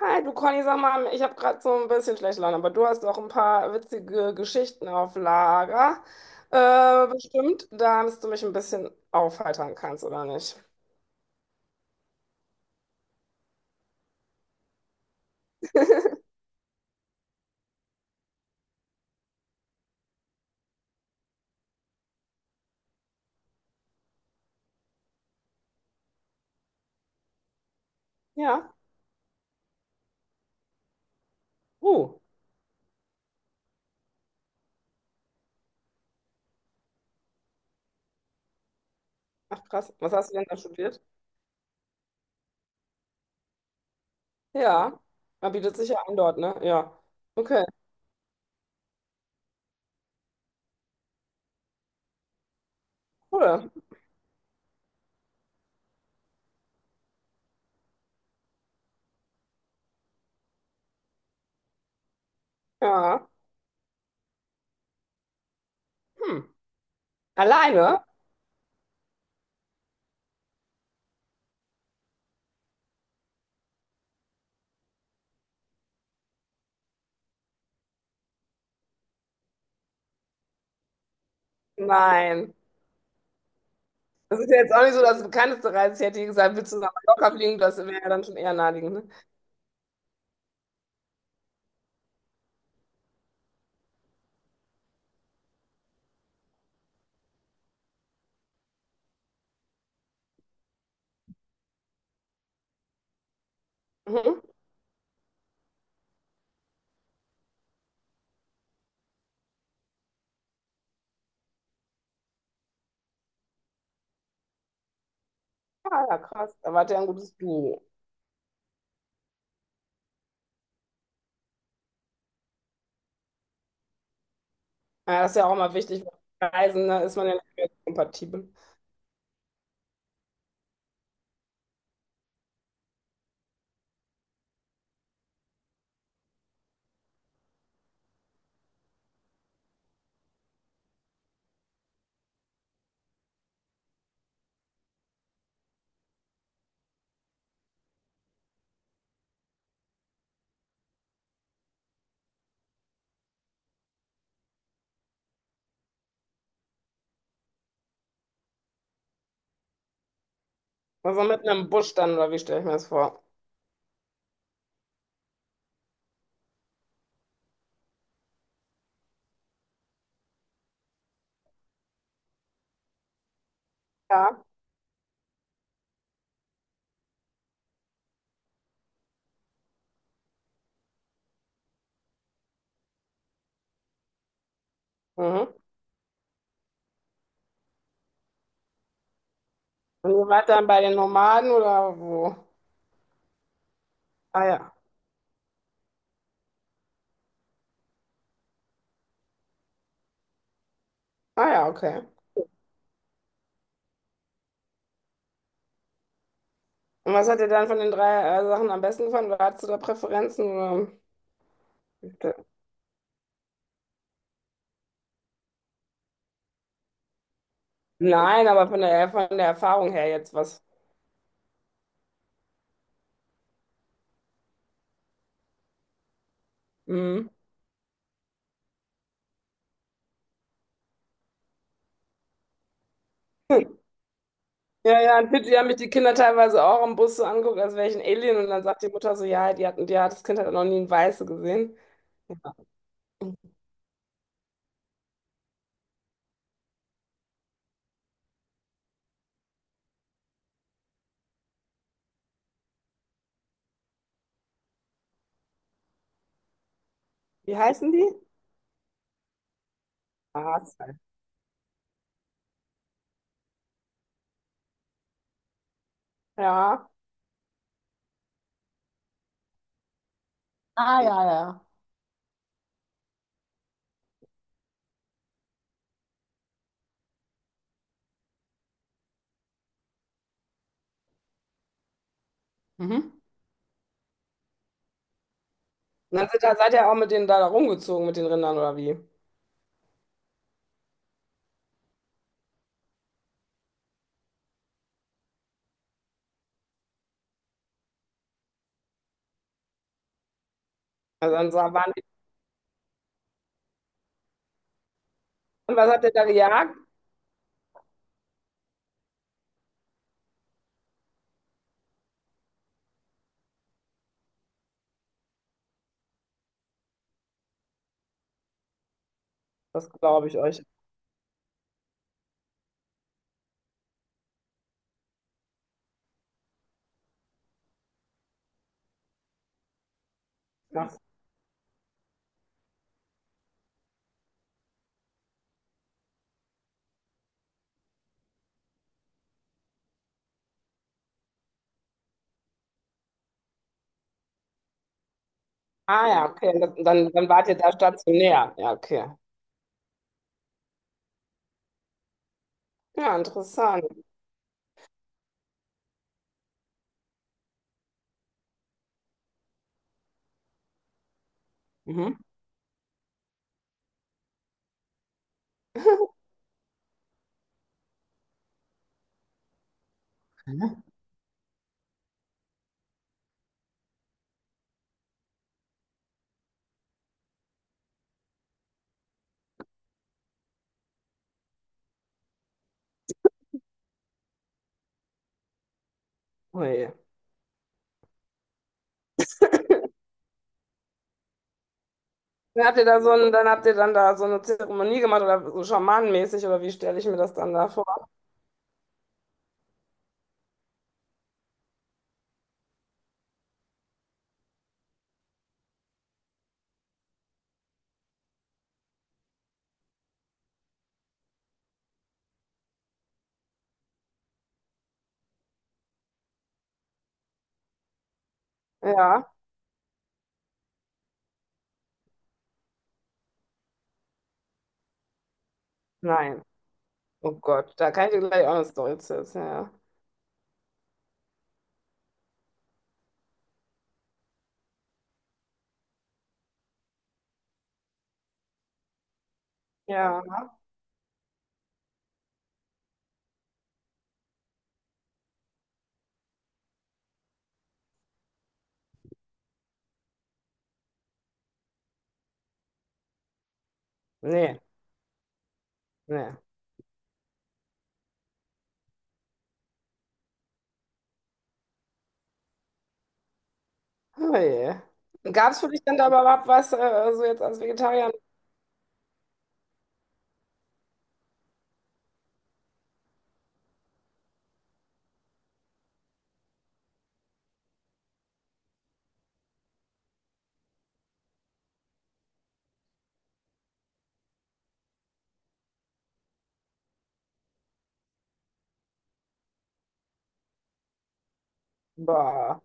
Hi, du Conny, sag mal, ich habe gerade so ein bisschen schlechte Laune, aber du hast auch ein paar witzige Geschichten auf Lager. Bestimmt, damit du mich ein bisschen aufheitern kannst, oder nicht? Ja. Uh, ach krass. Was hast du denn da studiert? Ja. Da bietet sich ja an dort, ne? Ja. Okay, cool. Ja. Hm. Alleine? Nein. Das ist ja jetzt auch nicht so das bekannteste Reis. Ich hätte dir gesagt, willst du nach Mallorca fliegen? Das wäre ja dann schon eher naheliegend, ne? Mhm. Ah, ja, krass. Da wart ihr ein gutes Duo. Ja, das ist ja auch immer wichtig, weil Reisen, da ist man ja nicht mehr so kompatibel. Also mit einem Busch dann, oder wie stelle ich mir das vor? Ja. Mhm. Und ihr wart dann bei den Nomaden oder wo? Ah ja. Ah ja, okay. Und was hat dir dann von den drei Sachen am besten gefallen? Oder hattest du da Präferenzen? Oder? Nein, aber von der Erfahrung her jetzt was. Mhm. Ja, ja, in Fidschi haben mich die Kinder teilweise auch im Bus so angeguckt, als wäre ich ein Alien. Und dann sagt die Mutter so, ja, die hat, das Kind hat noch nie einen Weiße gesehen. Ja, wie heißen die? Maße. Ja, ah, ja, ja. Mhm. Und dann sind, seid ihr auch mit denen da rumgezogen, mit den Rindern oder wie? Also waren die, und was habt ihr da gejagt? Das glaube ich euch. Ach, ah ja, okay. Dann, dann wart ihr da stationär. Ja, okay. Ja, interessant. Mhm. Mhm. Ui. Dann habt ihr da so ein, dann habt ihr dann da so eine Zeremonie gemacht oder so schamanenmäßig oder wie stelle ich mir das dann da vor? Ja, nein. Oh Gott, da kann ich dir gleich auch eine Story zu erzählen. Ja. Ja. Nee, nee. Oh je. Gab es für dich denn da überhaupt was, also jetzt als Vegetarier? Boah.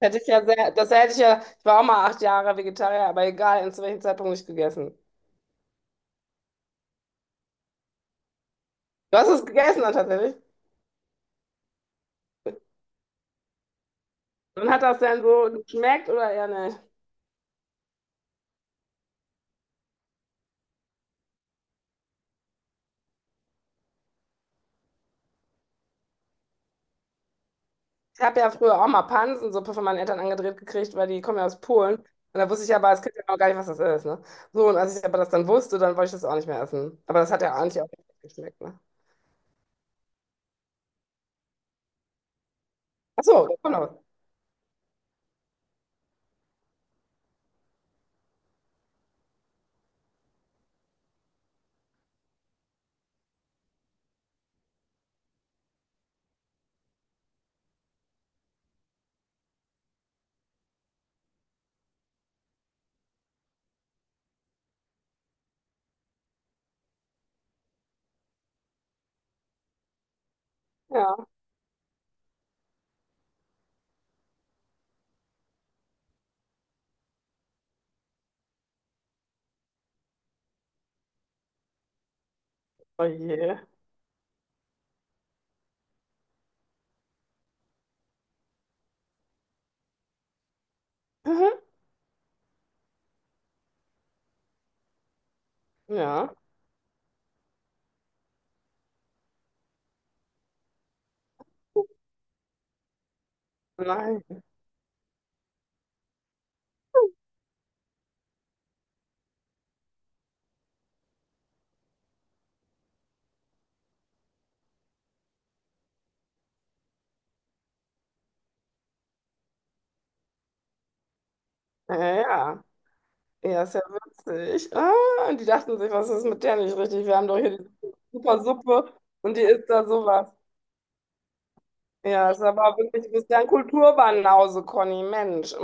Hätte ich ja sehr, das hätte ich ja, ich war auch mal 8 Jahre Vegetarier, aber egal, zu welchem Zeitpunkt nicht gegessen. Du hast es gegessen dann tatsächlich. Und hat das denn so geschmeckt oder eher nicht? Ich habe ja früher auch mal Pansensuppe von meinen Eltern angedreht gekriegt, weil die kommen ja aus Polen. Und da wusste ich aber als Kind ja auch gar nicht, was das ist, ne? So, und als ich aber das dann wusste, dann wollte ich das auch nicht mehr essen. Aber das hat ja eigentlich auch nicht geschmeckt, ne? Ach so, da kommt noch was. Ja. Oh je. Mhm. Ja. Nein. Ja, ja, ja, ist ja witzig. Ah, und die dachten sich, was ist mit der nicht richtig? Wir haben doch hier die super Suppe und die isst da sowas. Ja, ist aber wirklich, du bist ja ein Kulturwandel, Conny, Mensch.